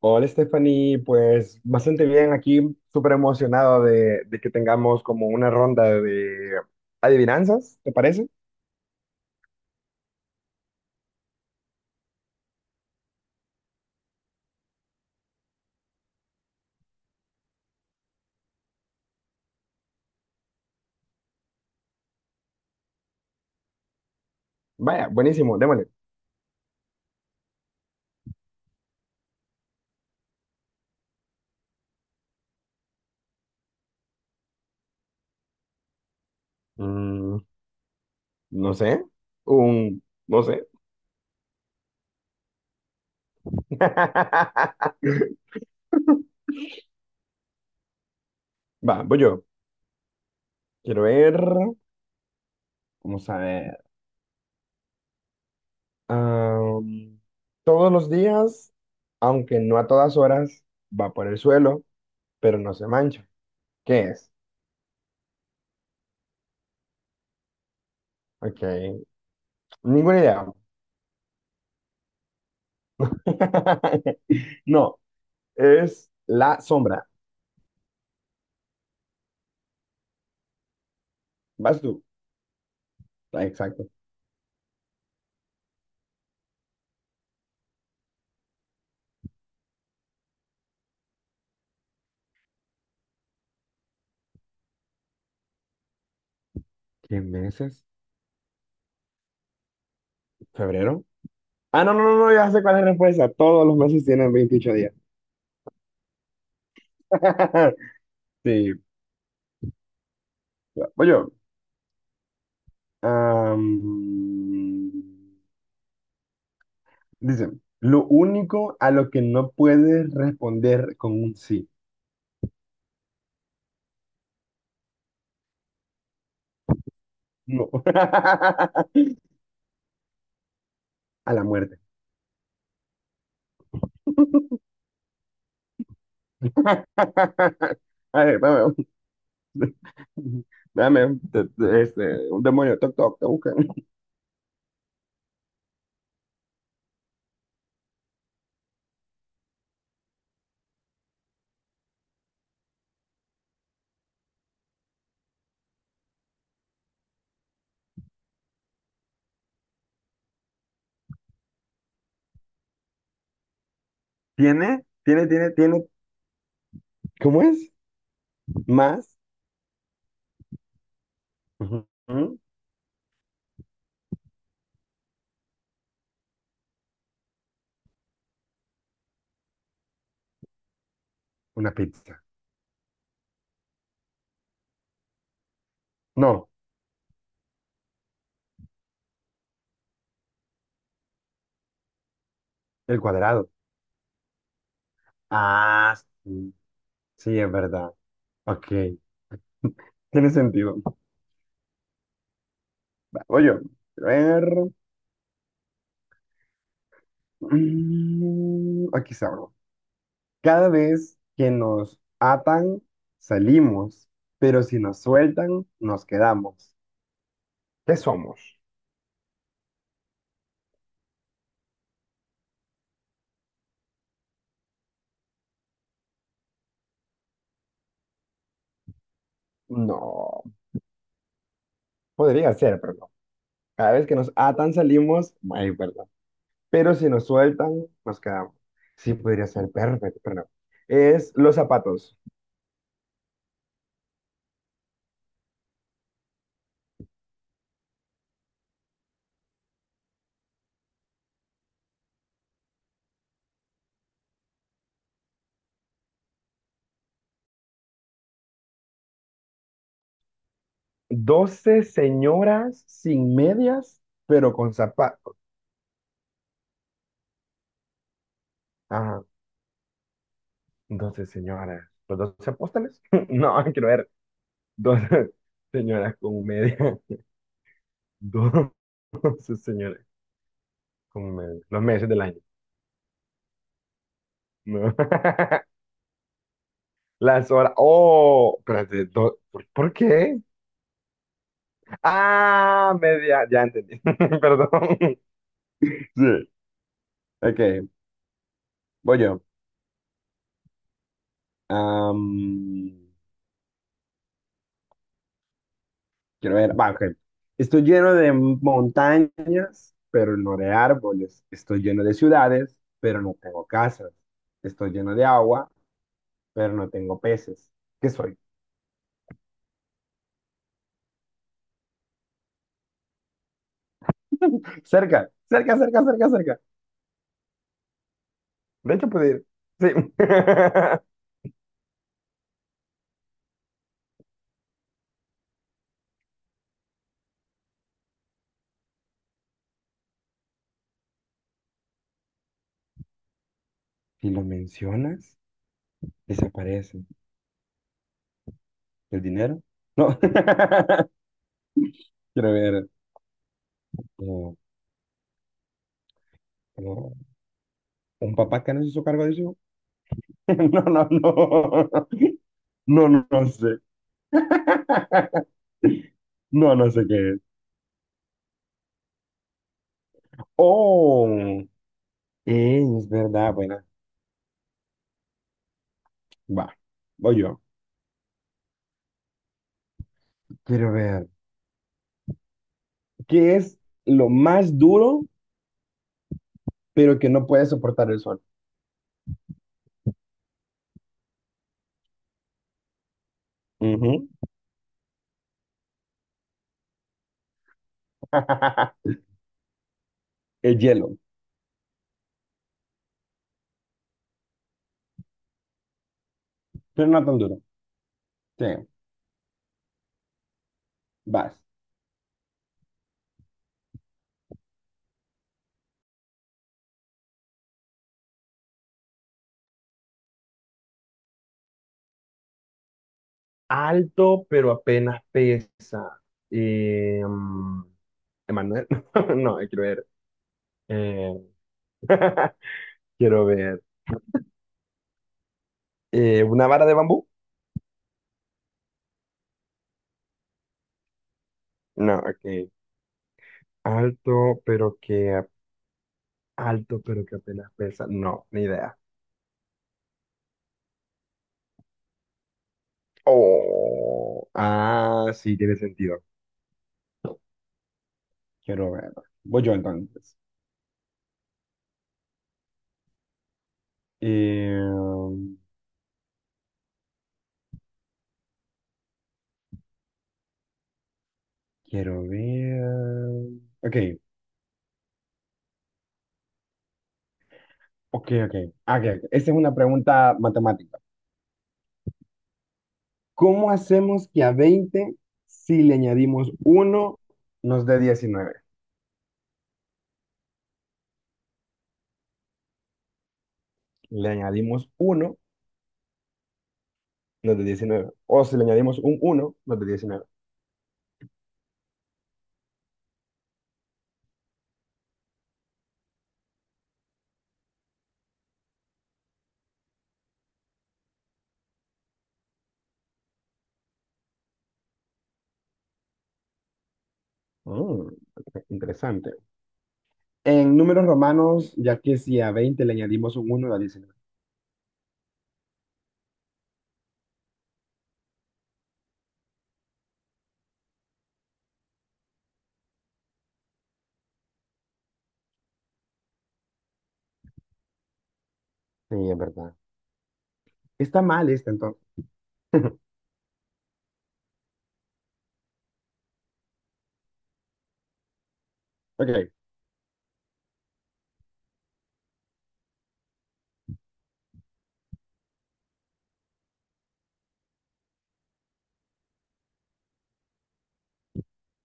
Hola Stephanie, pues bastante bien aquí, súper emocionado de que tengamos como una ronda de adivinanzas, ¿te parece? Vaya, buenísimo, démosle. Mm, no sé, un, no sé. Va, voy yo. Quiero ver, vamos a ver. Am, todos los días, aunque no a todas horas, va por el suelo, pero no se mancha. ¿Qué es? Ok, ninguna idea. No, es la sombra. Vas tú. Ah, exacto. ¿Qué meses? ¿Febrero? Ah, no, no, no, no, ya sé cuál es la respuesta. Todos los meses tienen 28 días. Sí. Voy yo. Am, dice, lo único a lo que no puedes responder con un sí. No. A la muerte. A ver, dame un- te- te- este, un demonio, toc, toc, te buscan. Tiene, tiene, tiene, tiene ¿Cómo es? Más, ujú, ujú, una pizza. No, el cuadrado. Ah, sí, sí, es verdad. Ok, tiene sentido. Va, voy yo. A ver. Aquí está. Abro. Cada vez que nos atan, salimos, pero si nos sueltan, nos quedamos. ¿Qué somos? No, podría ser, pero no. Cada vez que nos atan, salimos. Ay, verdad. Pero si nos sueltan, nos quedamos. Sí, podría ser perfecto, pero no. Es los zapatos. Doce señoras sin medias, pero con zapatos. Ah, 12 señoras. ¿Los 12 apóstoles? No, quiero ver. Doce señoras con medias. Doce señoras con medias. Los meses del año. No. Las horas. Oh, espérate. ¿Por qué? Ah, media. Ya entendí. Perdón. Sí. Ok, voy yo. Am, quiero ver, va, ok. Estoy lleno de montañas, pero no de árboles. Estoy lleno de ciudades, pero no tengo casas. Estoy lleno de agua, pero no tengo peces. ¿Qué soy? Cerca, cerca, cerca, cerca, cerca. De hecho, puede ir. Sí. Si lo mencionas, desaparece. ¿El dinero? No. Quiero ver. No, no. ¿Un papá que no se hizo cargo de eso? No, no, no. No, no, no sé. No, no sé qué es. Oh, es verdad, buena. Va, voy yo. Quiero ver. ¿Qué es lo más duro, pero que no puede soportar el sol? Ujú. El hielo, pero no tan duro. Sí, vas. Alto, pero apenas pesa. Eh, mm, Emanuel, no, quiero ver. eh, quiero ver. ¿Una vara de bambú? No, ok. Alto, pero que Alto, pero que apenas pesa. No, ni idea. Oh, ah, sí, tiene sentido. Quiero ver. Voy yo entonces. Eh, quiero ver. Ok, ok, ok. Ah, ok, ok. Esta es una pregunta matemática. ¿Cómo hacemos que a 20 si le añadimos uno nos dé 19? Le añadimos uno O si le añadimos un uno nos dé diecinueve. Mm, ok, interesante. En números romanos, ya que si a 20 le añadimos un uno da 19. Sí, es verdad. Está mal esta entonces. Ok.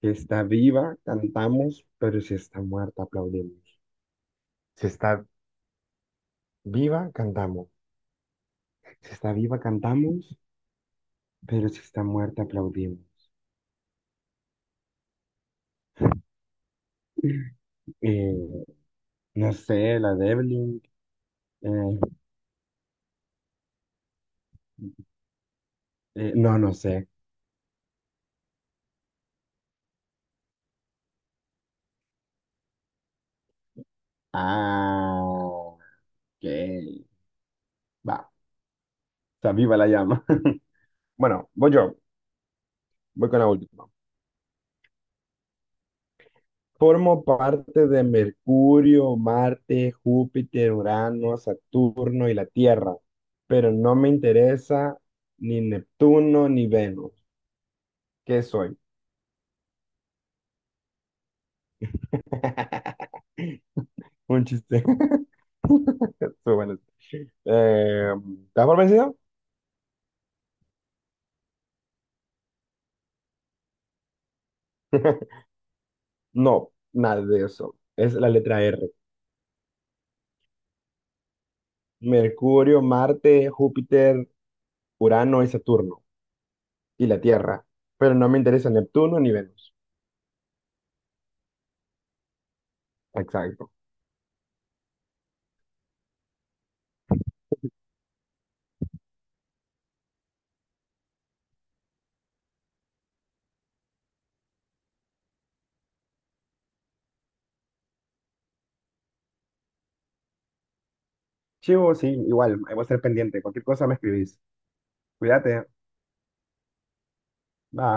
Si está viva, cantamos, pero si está muerta, aplaudimos. Si está viva, cantamos. Si está viva, cantamos, pero si está muerta, aplaudimos. Eh, no sé, la de Evelyn. eh, no, no sé. Ah, ok. Va. Está viva la llama. Bueno, voy yo. Voy con la última. Formo parte de Mercurio, Marte, Júpiter, Urano, Saturno y la Tierra, pero no me interesa ni Neptuno ni Venus. ¿Qué soy? Un chiste. Estuvo bueno. Eh, ¿Estás por vencido? No, nada de eso. Es la letra R. Mercurio, Marte, Júpiter, Urano y Saturno y la Tierra, pero no me interesa Neptuno ni Venus. Exacto. Chivo, sí, igual, ahí voy a estar pendiente. Cualquier cosa me escribís. Cuídate. Bye.